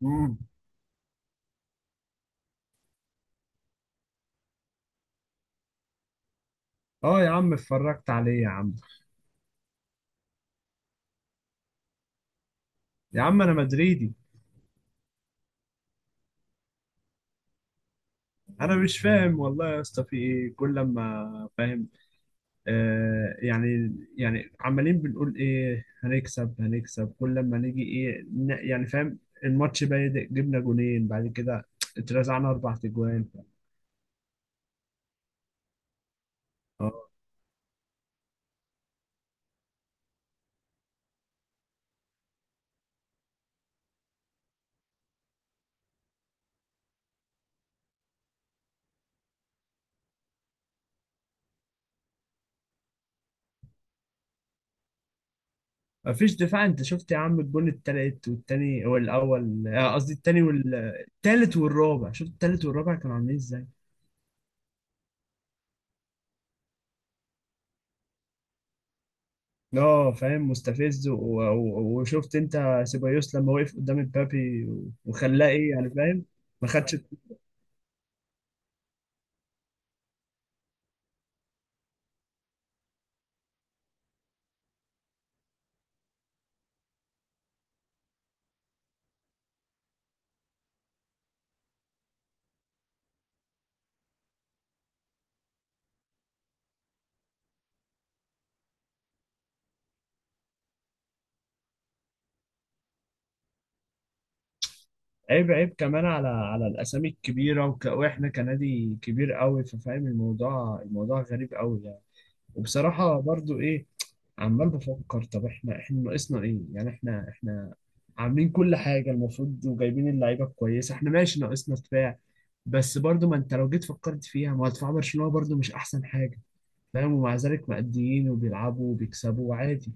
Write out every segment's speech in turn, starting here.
مم. اه يا عم اتفرجت عليه يا عم. يا عم انا مدريدي. انا مش فاهم والله يا اسطى في ايه، كل لما فاهم يعني، عمالين بنقول ايه، هنكسب هنكسب كل لما نيجي ايه، يعني فاهم، الماتش بادئ جبنا جونين بعد كده اترزعنا اربع تجوان. اه مفيش دفاع. انت شفت يا عم الجون التالت والتاني والاول، قصدي التاني والتالت والرابع، شفت التالت والرابع كانوا عاملين ازاي؟ اه فاهم، مستفز و- و- وشفت انت سيبايوس لما وقف قدام امبابي وخلاه ايه، يعني فاهم. ما خدش. عيب، عيب كمان على الاسامي الكبيره واحنا كنادي كبير قوي، ففاهم الموضوع، الموضوع غريب قوي يعني. وبصراحه برضو ايه، عمال بفكر، طب احنا، ناقصنا ايه؟ يعني احنا، عاملين كل حاجه المفروض، وجايبين اللعيبه كويسه، احنا ماشي ناقصنا دفاع. بس برضو ما انت لو جيت فكرت فيها، ما هو دفاع برشلونه برضو مش احسن حاجه، فاهم؟ ومع ذلك مأديين وبيلعبوا وبيكسبوا عادي.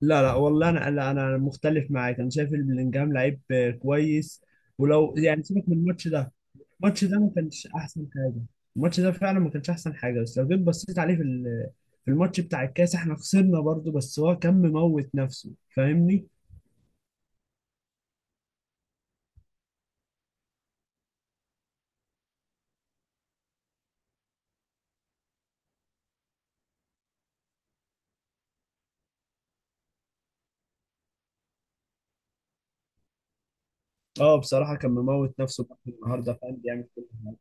لا والله، انا لا، انا مختلف معاك. انا شايف ان بلينجهام لعيب كويس. ولو يعني سيبك من الماتش ده، الماتش ده ما كانش احسن حاجه. الماتش ده فعلا ما كانش احسن حاجه، بس لو جيت بصيت عليه في في الماتش بتاع الكاس، احنا خسرنا برضه بس هو كان مموت نفسه، فاهمني؟ اه بصراحه كان مموت نفسه برضه النهارده، فاهم؟ بيعمل كل حاجه.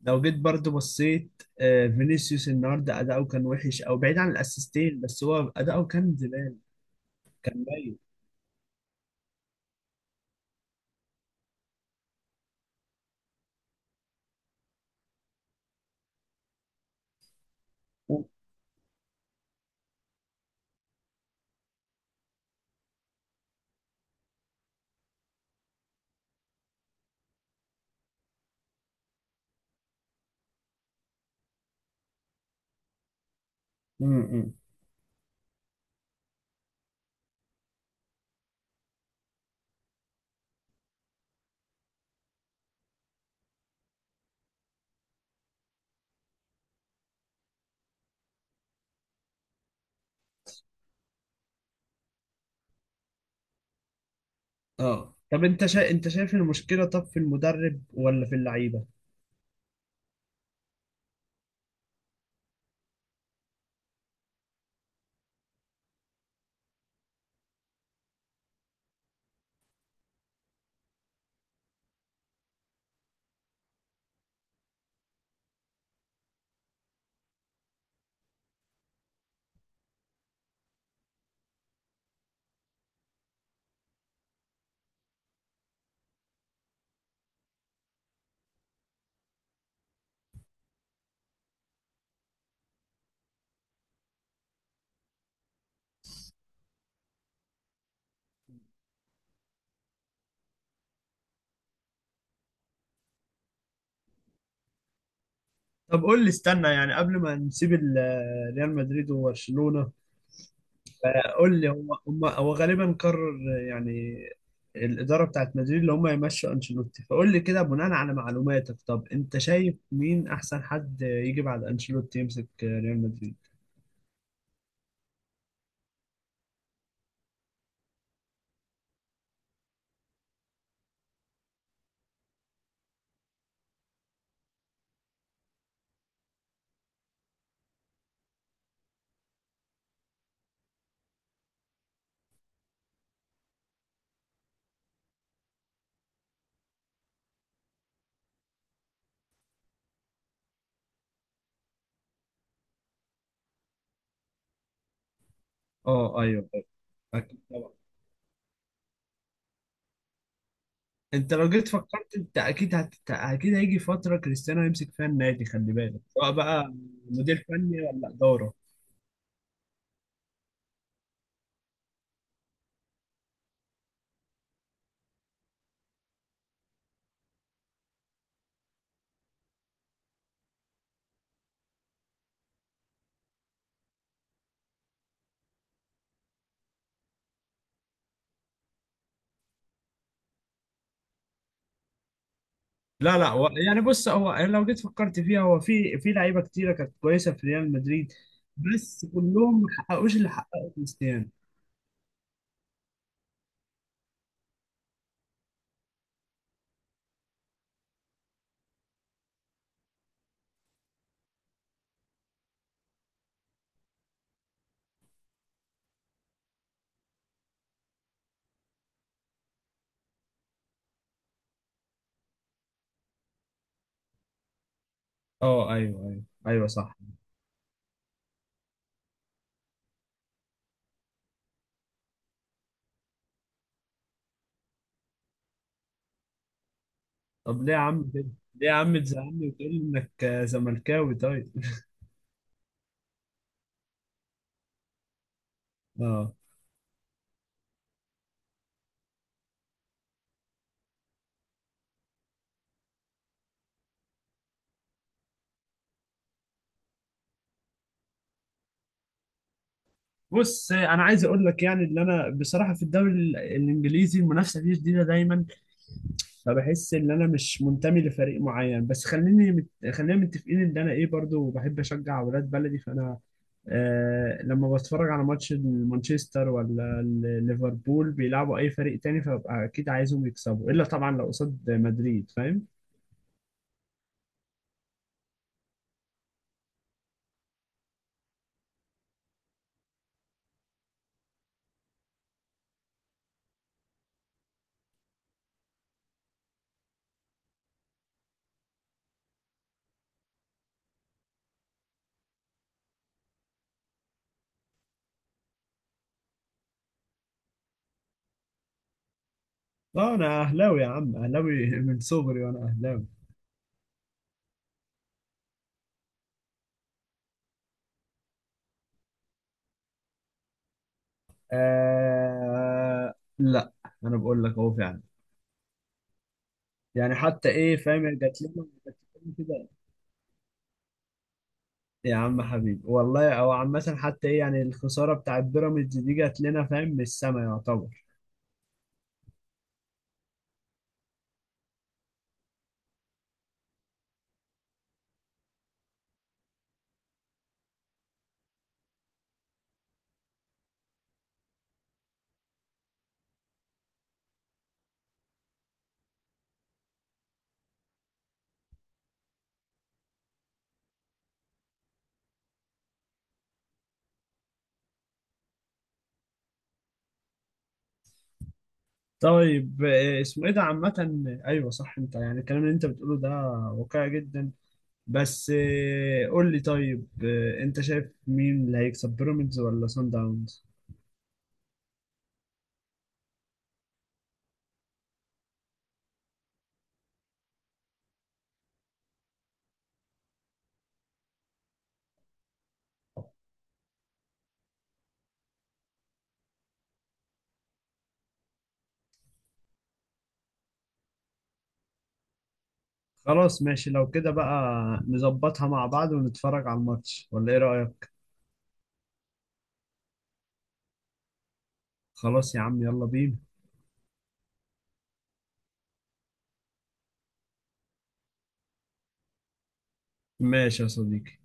لو جيت برضه بصيت فينيسيوس النهارده اداؤه كان وحش، او بعيد عن الاسيستين، بس هو اداؤه كان زباله، كان ميت. امم. اه طب انت انت شايف المشكله طب في المدرب ولا في اللعيبه؟ طب قول لي، استنى يعني قبل ما نسيب ريال مدريد وبرشلونه، قول لي، هم هم هو غالبا قرر يعني الاداره بتاعت مدريد اللي هم يمشوا انشيلوتي، فقول لي كده بناء على معلوماتك، طب انت شايف مين احسن حد يجي بعد انشيلوتي يمسك ريال مدريد؟ اه ايوه، أيوة، اكيد طبعا. انت لو جيت فكرت، انت اكيد اكيد هيجي فتره كريستيانو هيمسك فيها النادي، خلي بالك، سواء بقى مدير فني ولا اداره. لا لا، هو يعني بص، هو لو جيت فكرت فيها، هو في لعيبه كتيره كانت كويسه في ريال مدريد، بس كلهم ما حققوش اللي حققه كريستيانو. اه ايوه، ايوه، ايوه، صح. طب ليه يا عم كده؟ ليه يا عم تزعلني وتقول لي انك زملكاوي؟ طيب اه. بص انا عايز اقول لك، يعني اللي انا بصراحه في الدوري الانجليزي المنافسه فيه شديده دايما، فبحس ان انا مش منتمي لفريق معين، بس خلينا متفقين ان انا ايه، برضو بحب اشجع اولاد بلدي، فانا آه لما بتفرج على ماتش مانشستر ولا ليفربول بيلعبوا اي فريق تاني، فببقى اكيد عايزهم يكسبوا، الا طبعا لو قصاد مدريد فاهم. اه انا اهلاوي يا عم، اهلاوي من صغري وانا اهلاوي. آه لا، انا بقول لك اهو فعلا، يعني حتى ايه فاهم، جات لنا، جات لنا كده يا عم حبيبي والله. او عامة حتى ايه يعني، الخسارة بتاعت بيراميدز دي جات لنا فاهم من السما يعتبر. طيب اسمه ايه ده، عامة ايوه صح، انت يعني الكلام اللي انت بتقوله ده واقعي جدا، بس قول لي، طيب انت شايف مين اللي هيكسب، بيراميدز ولا سان داونز؟ خلاص ماشي لو كده بقى، نظبطها مع بعض ونتفرج على الماتش، ولا ايه رأيك؟ خلاص يا عم، يلا بينا. ماشي يا صديقي.